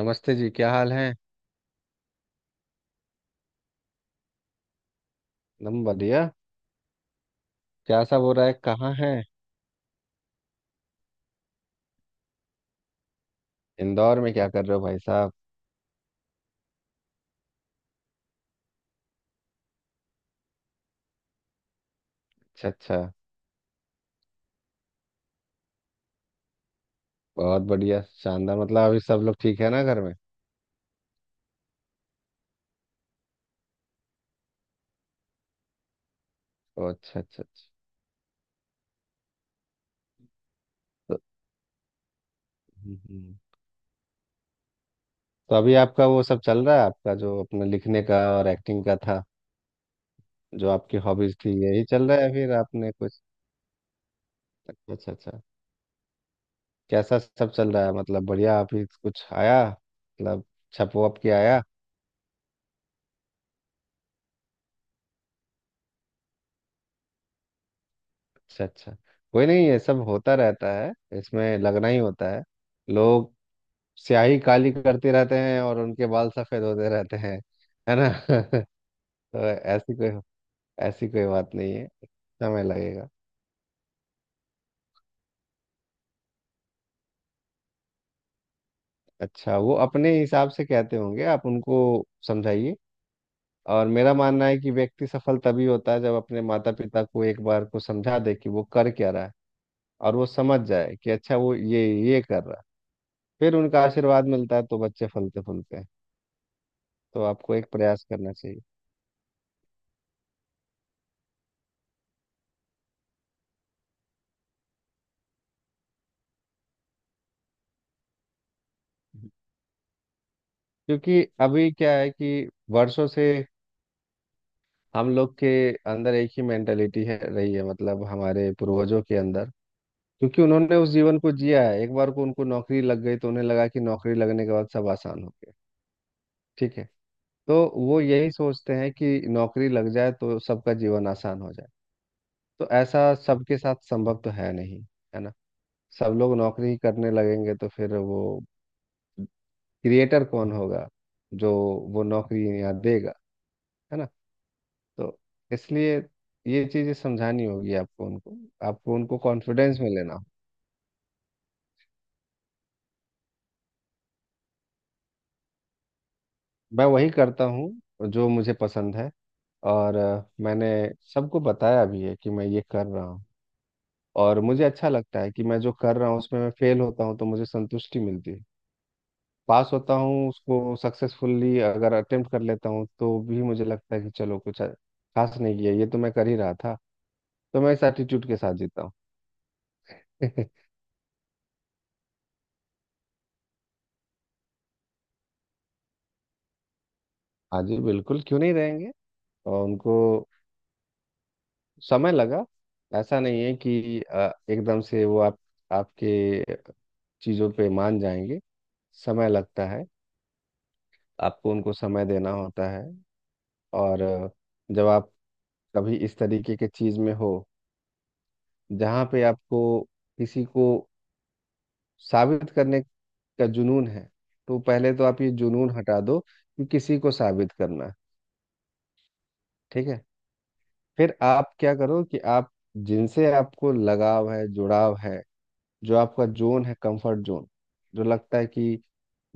नमस्ते जी। क्या हाल है? एकदम बढ़िया। क्या सब हो रहा है, कहाँ है? इंदौर में क्या कर रहे हो भाई साहब? अच्छा अच्छा। बहुत बढ़िया, शानदार। मतलब अभी सब लोग ठीक है ना घर में? अच्छा अच्छा अच्छा। तो, हम्म, हम्म। तो अभी आपका वो सब चल रहा है, आपका जो अपने लिखने का और एक्टिंग का था, जो आपकी हॉबीज थी, यही चल रहा है, फिर आपने कुछ। अच्छा अच्छा अच्छा। कैसा सब चल रहा है? मतलब बढ़िया। अभी कुछ आया मतलब, छपो अब के आया? अच्छा अच्छा। कोई नहीं, ये सब होता रहता है, इसमें लगना ही होता है। लोग स्याही काली करते रहते हैं और उनके बाल सफेद होते रहते हैं, है ना? तो ऐसी कोई, ऐसी कोई बात नहीं है, समय लगेगा। अच्छा, वो अपने हिसाब से कहते होंगे, आप उनको समझाइए। और मेरा मानना है कि व्यक्ति सफल तभी होता है जब अपने माता पिता को एक बार को समझा दे कि वो कर क्या रहा है, और वो समझ जाए कि अच्छा वो ये कर रहा है, फिर उनका आशीर्वाद मिलता है तो बच्चे फलते फूलते हैं। तो आपको एक प्रयास करना चाहिए। क्योंकि अभी क्या है कि वर्षों से हम लोग के अंदर एक ही मेंटेलिटी है, रही है, मतलब हमारे पूर्वजों के अंदर, क्योंकि उन्होंने उस जीवन को जिया है, एक बार को उनको नौकरी लग गई तो उन्हें लगा कि नौकरी लगने के बाद सब आसान हो गया। ठीक है। तो वो यही सोचते हैं कि नौकरी लग जाए तो सबका जीवन आसान हो जाए। तो ऐसा सबके साथ संभव तो है नहीं, है ना? सब लोग नौकरी ही करने लगेंगे तो फिर वो क्रिएटर कौन होगा जो वो नौकरी यहाँ देगा, है ना? तो इसलिए ये चीज़ें समझानी होगी आपको उनको, आपको उनको कॉन्फिडेंस में लेना हो। मैं वही करता हूँ जो मुझे पसंद है। और मैंने सबको बताया भी है कि मैं ये कर रहा हूँ। और मुझे अच्छा लगता है कि मैं जो कर रहा हूँ उसमें मैं फेल होता हूँ तो मुझे संतुष्टि मिलती है। पास होता हूँ, उसको सक्सेसफुली अगर अटेम्प्ट कर लेता हूँ तो भी मुझे लगता है कि चलो कुछ अच्छा खास नहीं किया, ये तो मैं कर ही रहा था। तो मैं इस एटीट्यूड के साथ जीता हूँ। हाँ जी बिल्कुल, क्यों नहीं रहेंगे। और उनको समय लगा। ऐसा नहीं है कि एकदम से वो आप, आपके चीज़ों पे मान जाएंगे। समय लगता है, आपको उनको समय देना होता है। और जब आप कभी इस तरीके के चीज़ में हो, जहाँ पे आपको किसी को साबित करने का जुनून है, तो पहले तो आप ये जुनून हटा दो कि किसी को साबित करना है। ठीक है। फिर आप क्या करो कि आप जिनसे आपको लगाव है, जुड़ाव है, जो आपका जोन है, कंफर्ट जोन, जो लगता है कि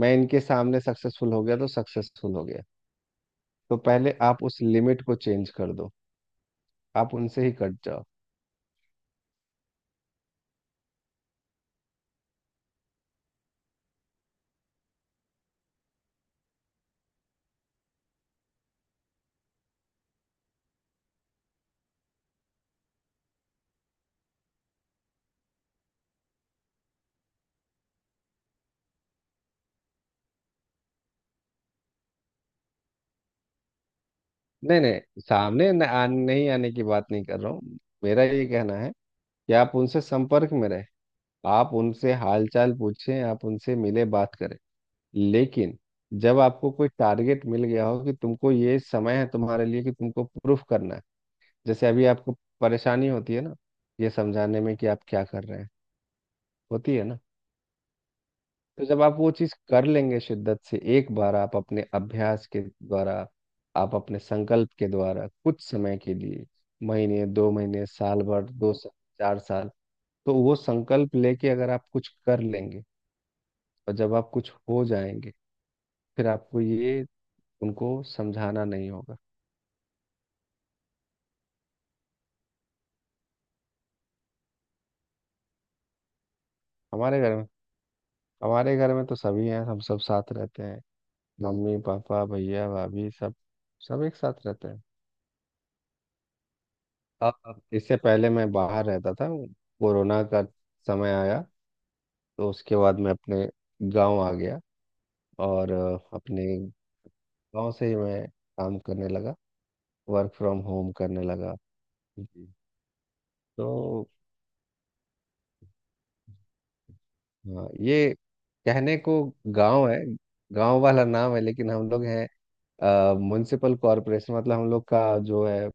मैं इनके सामने सक्सेसफुल हो गया तो सक्सेसफुल हो गया, तो पहले आप उस लिमिट को चेंज कर दो, आप उनसे ही कट जाओ। नहीं नहीं, सामने न, आ, नहीं आने की बात नहीं कर रहा हूँ। मेरा ये कहना है कि आप उनसे संपर्क में रहें, आप उनसे हालचाल पूछें, आप उनसे मिले, बात करें। लेकिन जब आपको कोई टारगेट मिल गया हो कि तुमको ये समय है तुम्हारे लिए, कि तुमको प्रूफ करना है। जैसे अभी आपको परेशानी होती है ना, ये समझाने में कि आप क्या कर रहे हैं, होती है ना? तो जब आप वो चीज़ कर लेंगे शिद्दत से, एक बार आप अपने अभ्यास के द्वारा, आप अपने संकल्प के द्वारा, कुछ समय के लिए, महीने, 2 महीने, साल भर, 2 साल, 4 साल, तो वो संकल्प लेके अगर आप कुछ कर लेंगे और जब आप कुछ हो जाएंगे, फिर आपको ये उनको समझाना नहीं होगा। हमारे घर में, हमारे घर में तो सभी हैं, हम सब साथ रहते हैं। मम्मी पापा भैया भाभी सब, सब एक साथ रहते हैं। अब इससे पहले मैं बाहर रहता था, कोरोना का समय आया तो उसके बाद मैं अपने गांव आ गया। और अपने गांव से ही मैं काम करने लगा, वर्क फ्रॉम होम करने लगा। जी। तो हाँ, ये कहने को गांव है, गांव वाला नाम है, लेकिन हम लोग हैं म्युनिसिपल कॉरपोरेशन। मतलब हम लोग का जो है,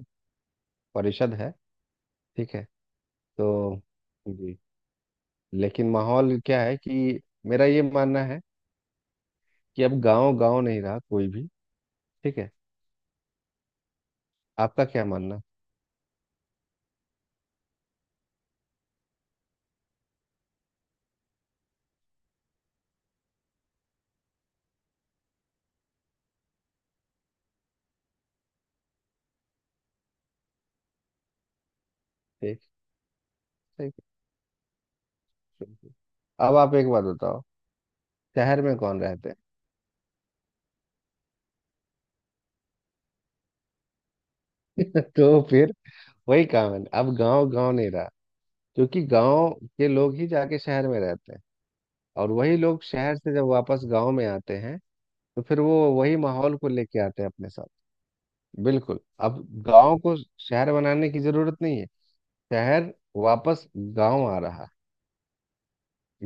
परिषद है। ठीक है। तो जी, लेकिन माहौल क्या है कि मेरा ये मानना है कि अब गांव गांव नहीं रहा कोई भी। ठीक है। आपका क्या मानना? ठीक, ठीक, ठीक, ठीक। अब आप एक बात बताओ, शहर में कौन रहते हैं? तो फिर वही काम है, अब गांव गांव नहीं रहा, क्योंकि गांव के लोग ही जाके शहर में रहते हैं। और वही लोग शहर से जब वापस गांव में आते हैं तो फिर वो वही माहौल को लेके आते हैं अपने साथ। बिल्कुल, अब गांव को शहर बनाने की जरूरत नहीं है, शहर वापस गांव आ रहा है।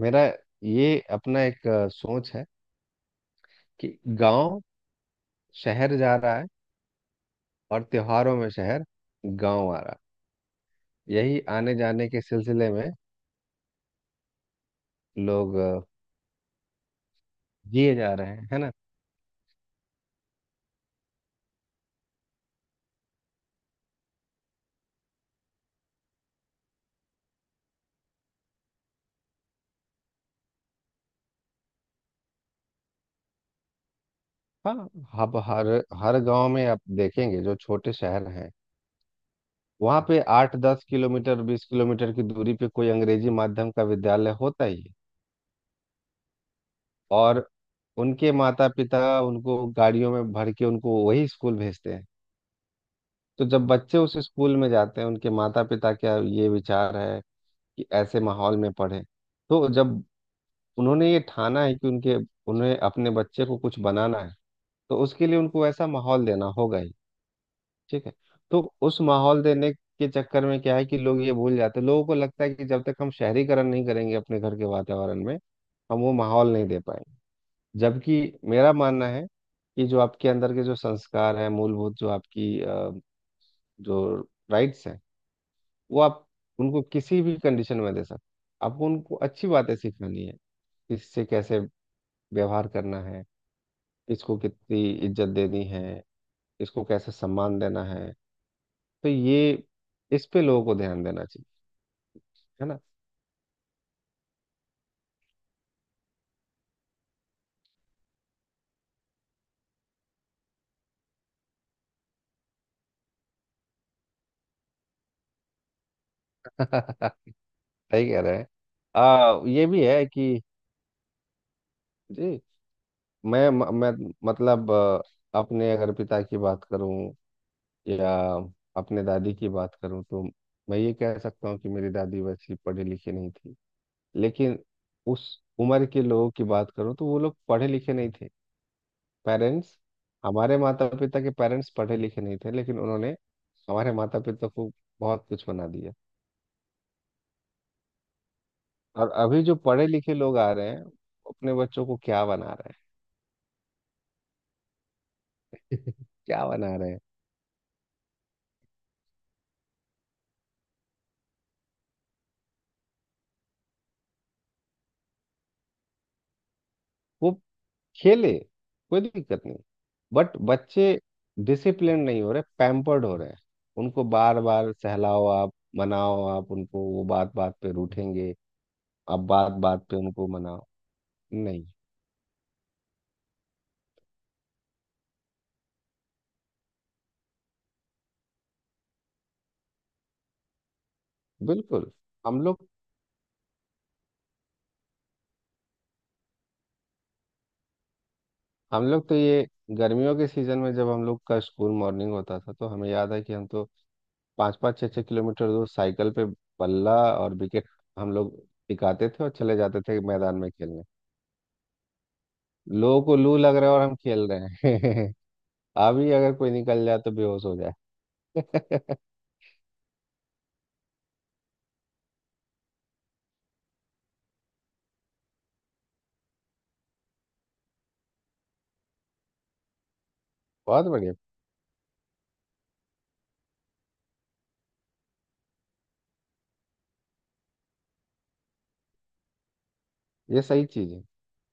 मेरा ये अपना एक सोच है कि गांव शहर जा रहा है और त्योहारों में शहर गांव आ रहा है। यही आने जाने के सिलसिले में लोग जिए जा रहे हैं, है ना? हाँ, अब हर हर गांव में आप देखेंगे, जो छोटे शहर हैं वहाँ पे 8-10 किलोमीटर, 20 किलोमीटर की दूरी पे कोई अंग्रेजी माध्यम का विद्यालय होता ही है। और उनके माता पिता उनको गाड़ियों में भर के उनको वही स्कूल भेजते हैं। तो जब बच्चे उस स्कूल में जाते हैं, उनके माता पिता का ये विचार है कि ऐसे माहौल में पढ़े। तो जब उन्होंने ये ठाना है कि उनके, उन्हें अपने बच्चे को कुछ बनाना है, तो उसके लिए उनको ऐसा माहौल देना होगा ही। ठीक है। तो उस माहौल देने के चक्कर में क्या है कि लोग ये भूल जाते हैं, लोगों को लगता है कि जब तक हम शहरीकरण नहीं करेंगे अपने घर के वातावरण में, हम वो माहौल नहीं दे पाएंगे। जबकि मेरा मानना है कि जो आपके अंदर के जो संस्कार हैं, मूलभूत, जो आपकी जो राइट्स हैं, वो आप उनको किसी भी कंडीशन में दे सकते। आपको उनको अच्छी बातें सिखानी है, इससे कैसे व्यवहार करना है, इसको कितनी इज्जत देनी है, इसको कैसे सम्मान देना है। तो ये, इस पे लोगों को ध्यान देना चाहिए, है ना? सही कह रहे हैं। ये भी है कि जी, मैं मतलब अपने अगर पिता की बात करूं या अपने दादी की बात करूं, तो मैं ये कह सकता हूँ कि मेरी दादी वैसी पढ़ी लिखी नहीं थी, लेकिन उस उम्र के लोगों की बात करूं तो वो लोग पढ़े लिखे नहीं थे। पेरेंट्स, हमारे माता पिता के पेरेंट्स पढ़े लिखे नहीं थे, लेकिन उन्होंने हमारे माता पिता को बहुत कुछ बना दिया। और अभी जो पढ़े लिखे लोग आ रहे हैं वो अपने बच्चों को क्या बना रहे हैं? क्या बना रहे हैं? वो खेले, कोई दिक्कत नहीं, बट बच्चे डिसिप्लिन नहीं हो रहे, पैम्पर्ड हो रहे हैं। उनको बार बार सहलाओ आप, मनाओ आप उनको, वो बात बात पे रूठेंगे। आप बात बात पे उनको मनाओ नहीं। बिल्कुल, हम लोग, हम लोग तो ये गर्मियों के सीजन में जब हम लोग का स्कूल मॉर्निंग होता था तो हमें याद है कि हम तो पाँच पाँच छः छः किलोमीटर दूर साइकिल पे बल्ला और विकेट हम लोग टिकाते थे और चले जाते थे मैदान में खेलने। लोगों को लू लग रहा है और हम खेल रहे हैं। अभी अगर कोई निकल जाए तो बेहोश हो जाए। बहुत बढ़िया। ये सही चीज है,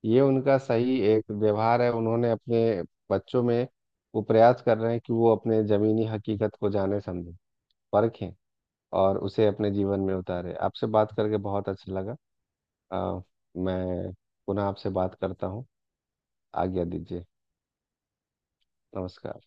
ये उनका सही एक व्यवहार है, उन्होंने अपने बच्चों में वो प्रयास कर रहे हैं कि वो अपने जमीनी हकीकत को जाने, समझे, परखें और उसे अपने जीवन में उतारे। आपसे बात करके बहुत अच्छा लगा। अ, मैं पुनः आपसे बात करता हूँ। आज्ञा दीजिए। नमस्कार।